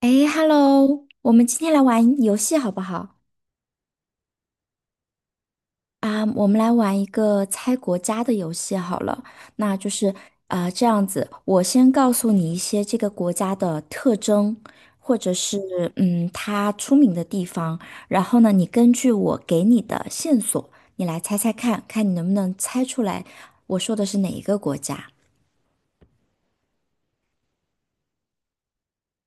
哎，Hello，我们今天来玩游戏好不好？啊我们来玩一个猜国家的游戏好了。那就是啊，这样子，我先告诉你一些这个国家的特征，或者是它出名的地方。然后呢，你根据我给你的线索，你来猜猜看，看你能不能猜出来我说的是哪一个国家。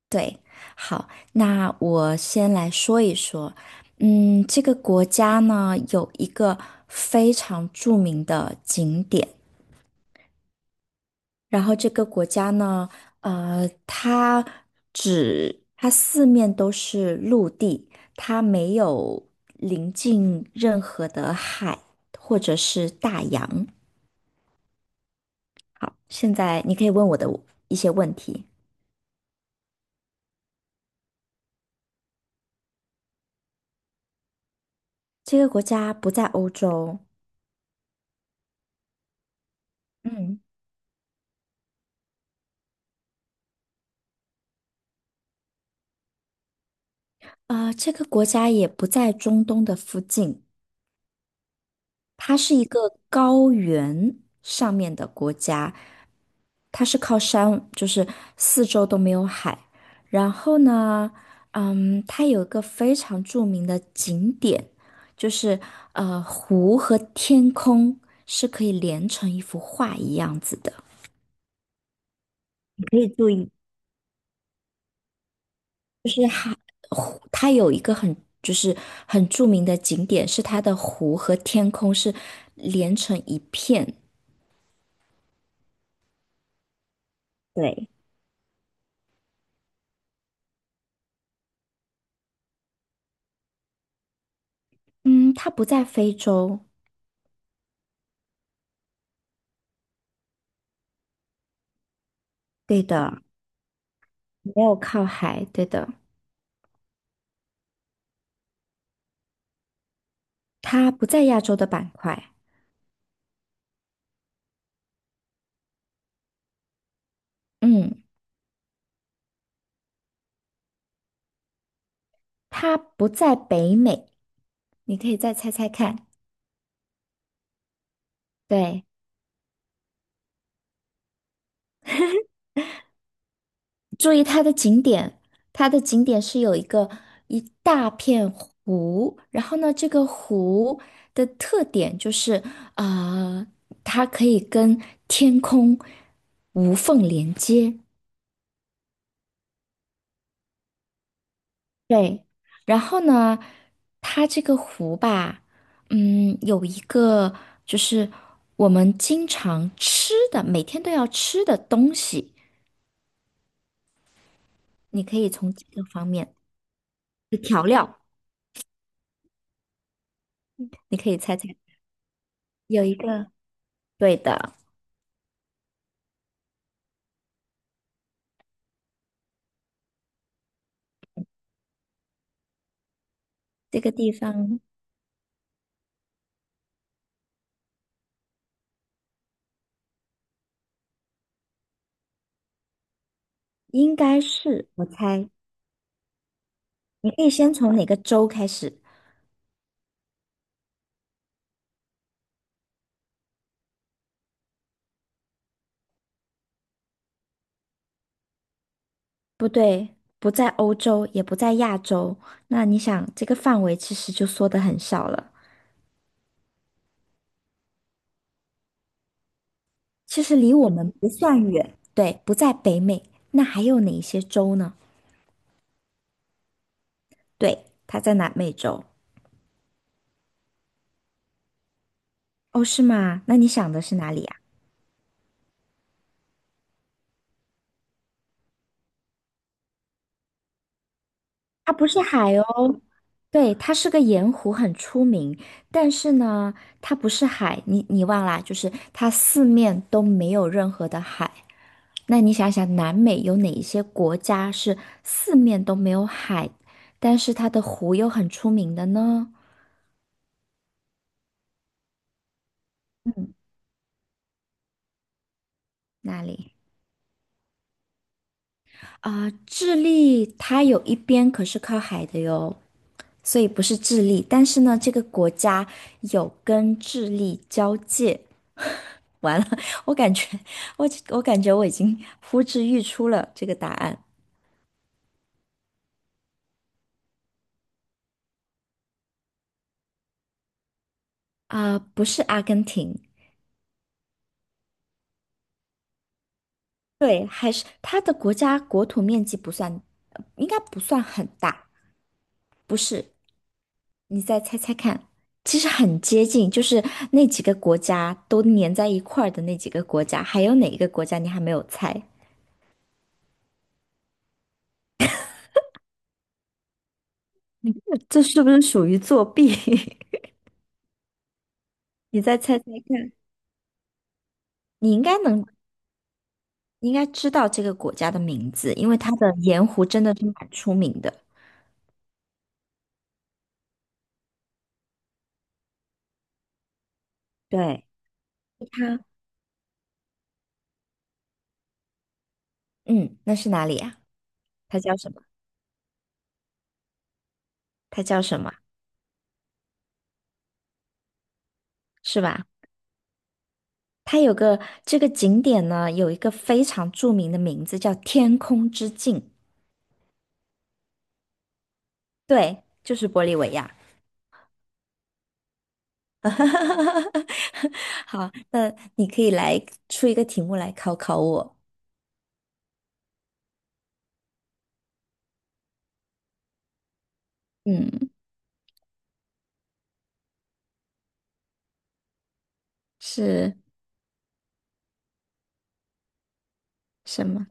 对，好，那我先来说一说，嗯，这个国家呢有一个非常著名的景点，然后这个国家呢，它它四面都是陆地，它没有临近任何的海或者是大洋。好，现在你可以问我的一些问题。这个国家不在欧洲，嗯。啊、这个国家也不在中东的附近，它是一个高原上面的国家，它是靠山，就是四周都没有海。然后呢，嗯，它有一个非常著名的景点，就是湖和天空是可以连成一幅画一样子的。你可以注意。就是湖，它有一个很就是很著名的景点，是它的湖和天空是连成一片。对，嗯，它不在非洲，对的，没有靠海，对的，它不在亚洲的板块，嗯，它不在北美，你可以再猜猜看，对。注意它的景点，它的景点是有一个一大片湖，然后呢，这个湖的特点就是，呃，它可以跟天空无缝连接。对，然后呢，它这个湖吧，嗯，有一个就是我们经常吃的，每天都要吃的东西，你可以从几个方面，调料，你可以猜猜，有一个，对的。这个地方应该是，我猜，你可以先从哪个州开始？不对，不在欧洲，也不在亚洲。那你想，这个范围其实就缩得很少了。其实离我们不算远，对，不在北美。那还有哪一些州呢？对，它在南美洲。哦，是吗？那你想的是哪里呀？它不是海哦，对，它是个盐湖，很出名。但是呢，它不是海，你忘啦，就是它四面都没有任何的海。那你想想，南美有哪一些国家是四面都没有海，但是它的湖又很出名的呢？嗯，那里啊，智利它有一边可是靠海的哟，所以不是智利。但是呢，这个国家有跟智利交界。完了，我感觉我感觉我已经呼之欲出了这个答案。啊，不是阿根廷，对，还是它的国家国土面积不算，应该不算很大。不是，你再猜猜看，其实很接近，就是那几个国家都粘在一块儿的那几个国家，还有哪一个国家你还没有猜？这是不是属于作弊？你再猜猜看，你应该能，你应该知道这个国家的名字，因为它的盐湖真的是蛮出名的。对，它，嗯，那是哪里呀、它叫什么？它叫什么？是吧？它有个这个景点呢，有一个非常著名的名字叫天空之镜。对，就是玻利维亚。好，那你可以来出一个题目来考考我。嗯，是什么？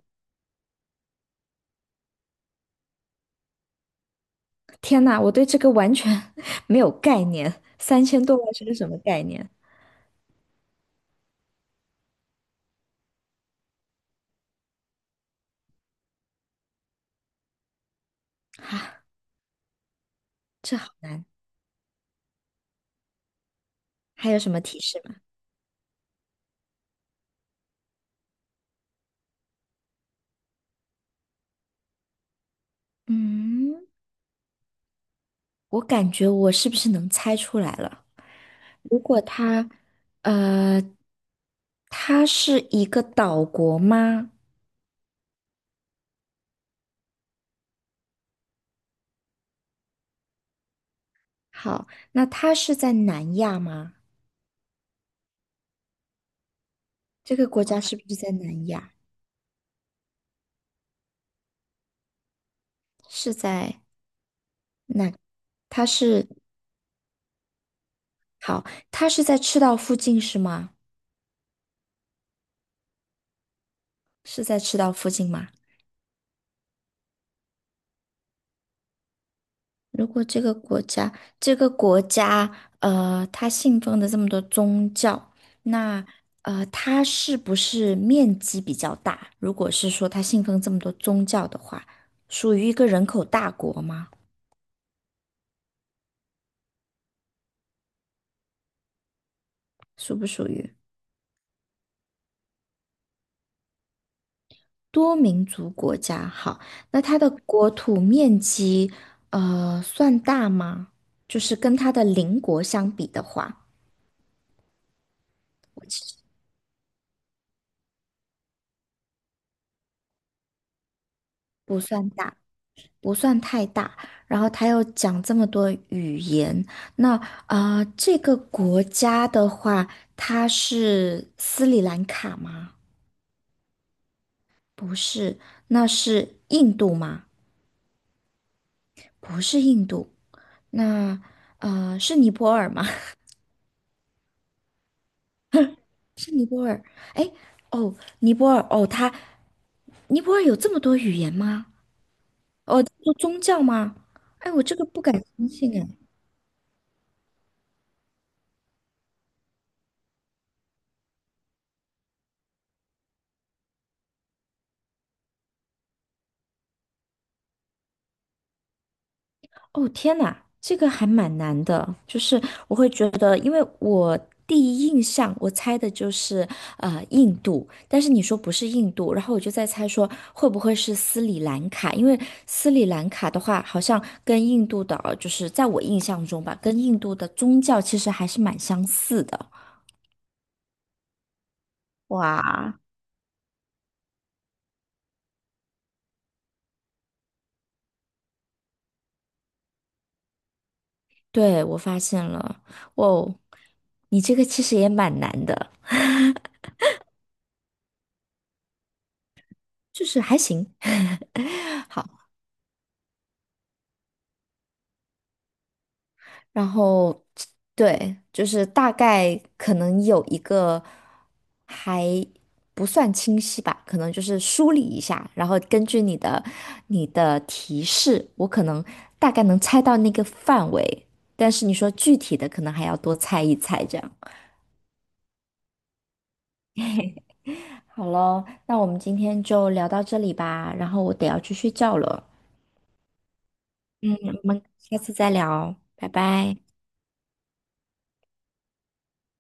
天呐，我对这个完全 没有概念。3000多万是个什么概念？啊，这好难。还有什么提示吗？嗯，我感觉我是不是能猜出来了？如果他，呃，他是一个岛国吗？好，那他是在南亚吗？这个国家是不是在南亚？是在那？它是好，它是在赤道附近是吗？是在赤道附近吗？如果这个国家，这个国家，呃，它信奉的这么多宗教，那它是不是面积比较大？如果是说它信奉这么多宗教的话，属于一个人口大国吗？属不属于？多民族国家，好，那它的国土面积，呃，算大吗？就是跟它的邻国相比的话，我其实不算大，不算太大。然后它又讲这么多语言，那啊，这个国家的话，它是斯里兰卡吗？不是，那是印度吗？不是印度，那是尼泊尔吗？是尼泊尔，哎，哦，尼泊尔，哦，它，尼泊尔有这么多语言吗？哦，有宗教吗？哎，我这个不敢相信哎。哦，天呐，这个还蛮难的，就是我会觉得，因为我第一印象我猜的就是印度，但是你说不是印度，然后我就在猜说会不会是斯里兰卡，因为斯里兰卡的话，好像跟印度的，就是在我印象中吧，跟印度的宗教其实还是蛮相似的。哇，对，我发现了，哦，你这个其实也蛮难的，就是还行。好，然后对，就是大概可能有一个还不算清晰吧，可能就是梳理一下，然后根据你的提示，我可能大概能猜到那个范围，但是你说具体的，可能还要多猜一猜这样。好了，那我们今天就聊到这里吧，然后我得要去睡觉了，我们下次再聊，拜拜。